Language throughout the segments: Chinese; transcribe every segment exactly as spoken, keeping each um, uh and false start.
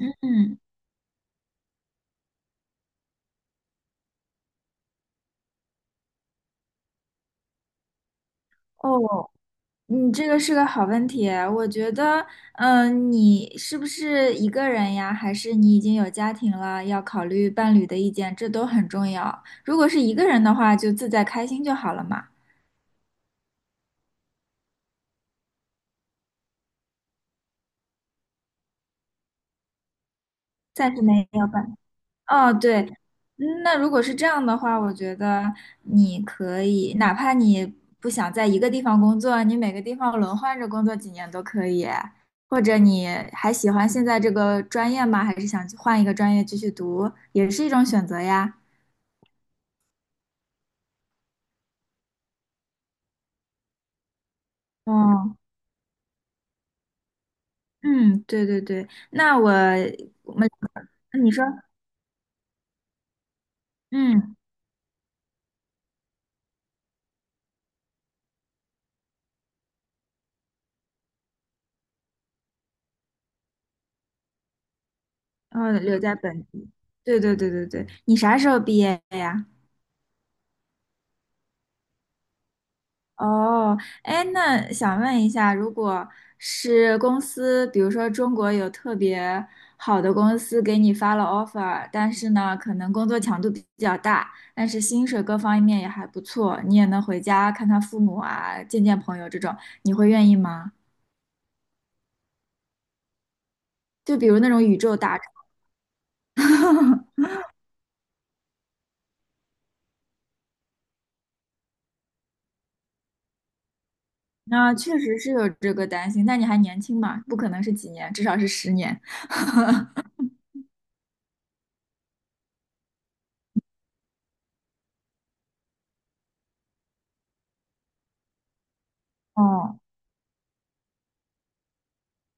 嗯。哦，你这个是个好问题。我觉得，嗯，你是不是一个人呀？还是你已经有家庭了，要考虑伴侣的意见，这都很重要。如果是一个人的话，就自在开心就好了嘛，暂时没有伴。哦，对，嗯那如果是这样的话，我觉得你可以，哪怕你不想在一个地方工作，你每个地方轮换着工作几年都可以。或者你还喜欢现在这个专业吗？还是想去换一个专业继续读，也是一种选择呀。哦，嗯，对对对，那我我们你说，嗯，哦，留在本地，对对对对对，你啥时候毕业呀？哦，哎，那想问一下，如果是公司，比如说中国有特别好的公司给你发了 offer,但是呢，可能工作强度比较大，但是薪水各方面也还不错，你也能回家看看父母啊，见见朋友这种，你会愿意吗？就比如那种宇宙大厂，那确实是有这个担心，那你还年轻嘛，不可能是几年，至少是十年。哦，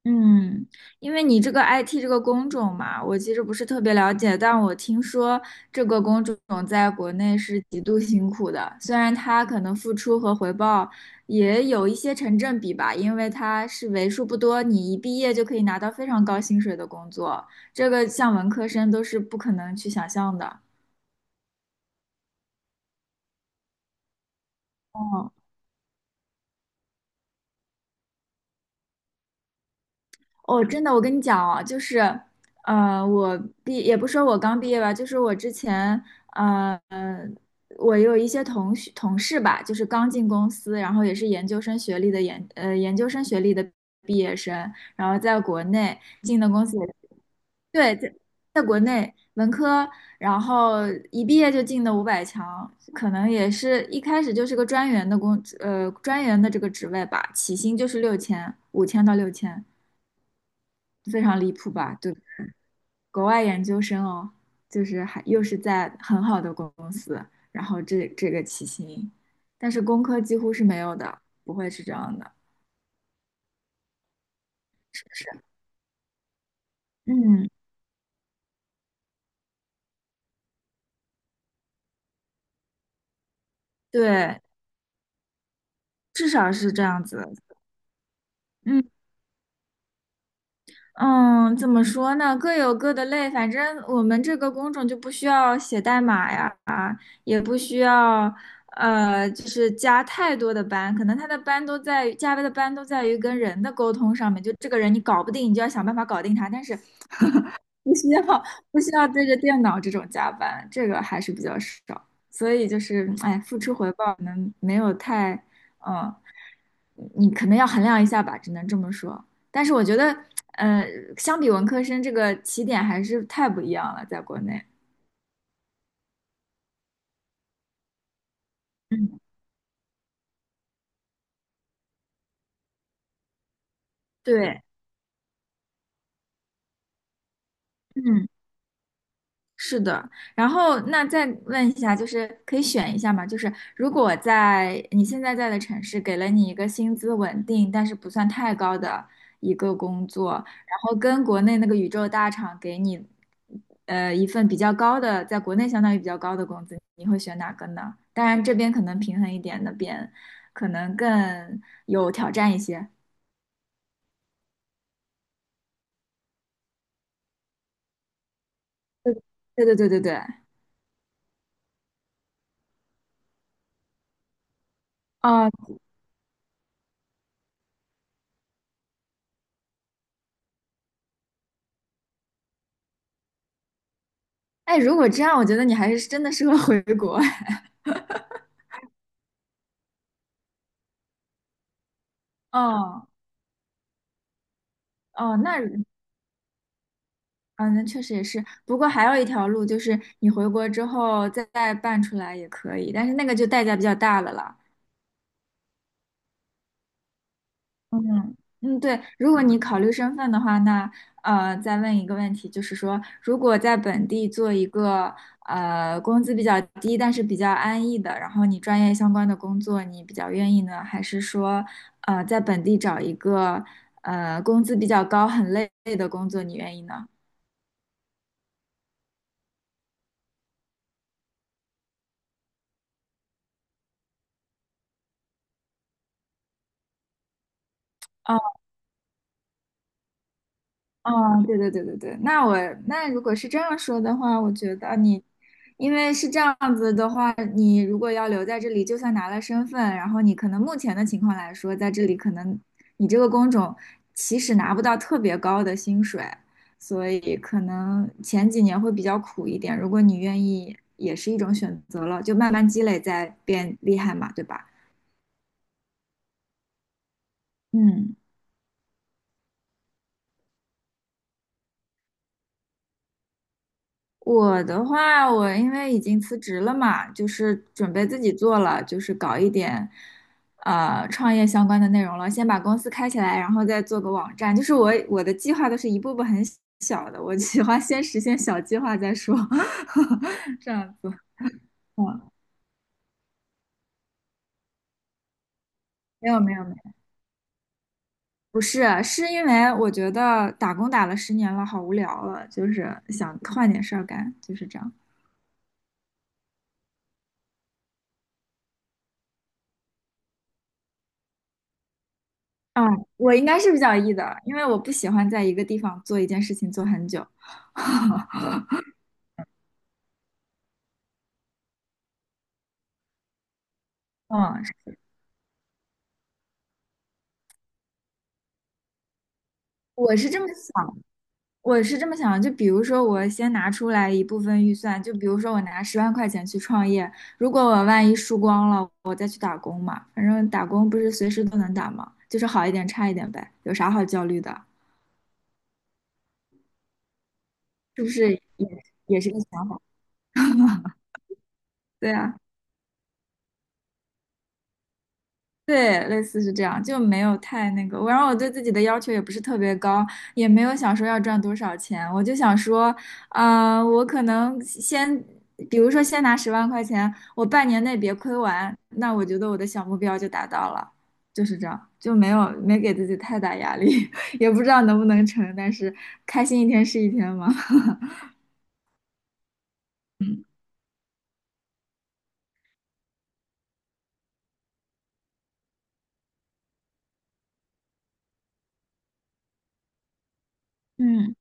嗯，因为你这个 I T 这个工种嘛，我其实不是特别了解，但我听说这个工种在国内是极度辛苦的，虽然它可能付出和回报也有一些成正比吧，因为它是为数不多你一毕业就可以拿到非常高薪水的工作，这个像文科生都是不可能去想象的。哦哦，真的，我跟你讲哦，就是，呃，我毕也不说我刚毕业吧，就是我之前，呃，我有一些同学同事吧，就是刚进公司，然后也是研究生学历的研，呃，研究生学历的毕业生，然后在国内进的公司也，对，在在国内文科，然后一毕业就进的五百强，可能也是一开始就是个专员的工，呃，专员的这个职位吧，起薪就是六千，五千到六千。非常离谱吧？就国外研究生哦，就是还又是在很好的公司，然后这这个起薪，但是工科几乎是没有的，不会是这样的，是不是？嗯，对，至少是这样子。嗯嗯，怎么说呢？各有各的累，反正我们这个工种就不需要写代码呀。也不需要呃，就是加太多的班，可能他的班都在于加班的班都在于跟人的沟通上面，就这个人你搞不定，你就要想办法搞定他，但是不需要不需要对着电脑这种加班，这个还是比较少，所以就是哎，付出回报可能没有太嗯。你可能要衡量一下吧，只能这么说。但是我觉得，呃，相比文科生，这个起点还是太不一样了，在国内。嗯，对，嗯。是的，然后那再问一下，就是可以选一下吗？就是如果在你现在在的城市给了你一个薪资稳定，但是不算太高的一个工作，然后跟国内那个宇宙大厂给你，呃，一份比较高的，在国内相当于比较高的工资，你会选哪个呢？当然这边可能平衡一点，那边可能更有挑战一些。对对对对对对，哦，哎，如果这样，我觉得你还是真的适合回国。哦。哦，那啊，那确实也是。不过还有一条路，就是你回国之后再办出来也可以，但是那个就代价比较大了啦。嗯嗯，对，如果你考虑身份的话，那呃，再问一个问题，就是说，如果在本地做一个呃工资比较低，但是比较安逸的，然后你专业相关的工作，你比较愿意呢，还是说呃在本地找一个呃工资比较高、很累的工作，你愿意呢？啊。哦，对对对对对，那我那如果是这样说的话，我觉得你，因为是这样子的话，你如果要留在这里，就算拿了身份，然后你可能目前的情况来说，在这里可能你这个工种其实拿不到特别高的薪水，所以可能前几年会比较苦一点。如果你愿意，也是一种选择了，就慢慢积累再变厉害嘛，对吧？嗯。我的话，我因为已经辞职了嘛，就是准备自己做了，就是搞一点，呃，创业相关的内容了。先把公司开起来，然后再做个网站。就是我我的计划都是一步步很小的，我喜欢先实现小计划再说，这样子。嗯，没有没有没有，不是，是因为我觉得打工打了十年了，好无聊了，就是想换点事儿干，就是这样。嗯，我应该是比较 E 的，因为我不喜欢在一个地方做一件事情做很久。嗯，我是这么想，我是这么想的就比如说，我先拿出来一部分预算，就比如说我拿十万块钱去创业，如果我万一输光了，我再去打工嘛。反正打工不是随时都能打嘛，就是好一点差一点呗，有啥好焦虑的？是不是也也是个想法？对啊。对，类似是这样，就没有太那个。然后我对自己的要求也不是特别高，也没有想说要赚多少钱，我就想说，啊、我可能先，比如说先拿十万块钱，我半年内别亏完，那我觉得我的小目标就达到了，就是这样，就没有没给自己太大压力，也不知道能不能成，但是开心一天是一天嘛。嗯。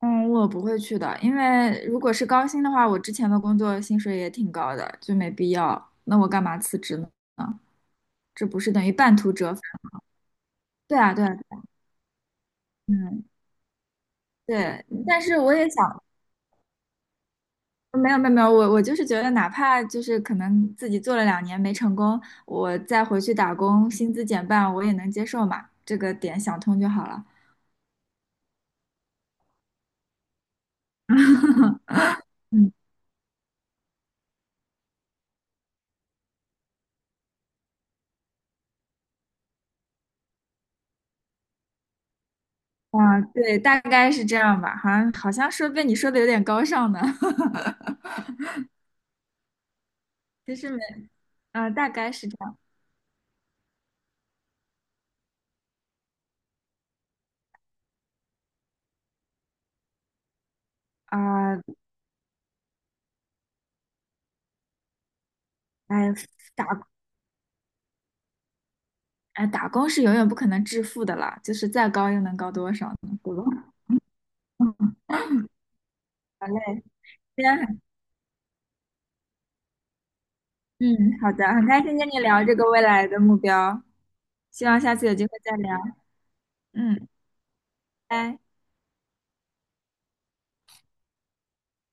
嗯，我不会去的，因为如果是高薪的话，我之前的工作薪水也挺高的，就没必要。那我干嘛辞职呢？这不是等于半途折返？对啊，对啊，嗯，对。但是我也想，没有没有没有，我我就是觉得，哪怕就是可能自己做了两年没成功，我再回去打工，薪资减半，我也能接受嘛。这个点想通就好了。嗯啊，对，大概是这样吧。好像好像说被你说的有点高尚呢，其实没，啊，大概是这样啊，哎，打哎打工是永远不可能致富的啦，就是再高又能高多少呢？对吧？嗯好嘞，今天很嗯，好的，很开心跟你聊这个未来的目标，希望下次有机会再聊。嗯，拜。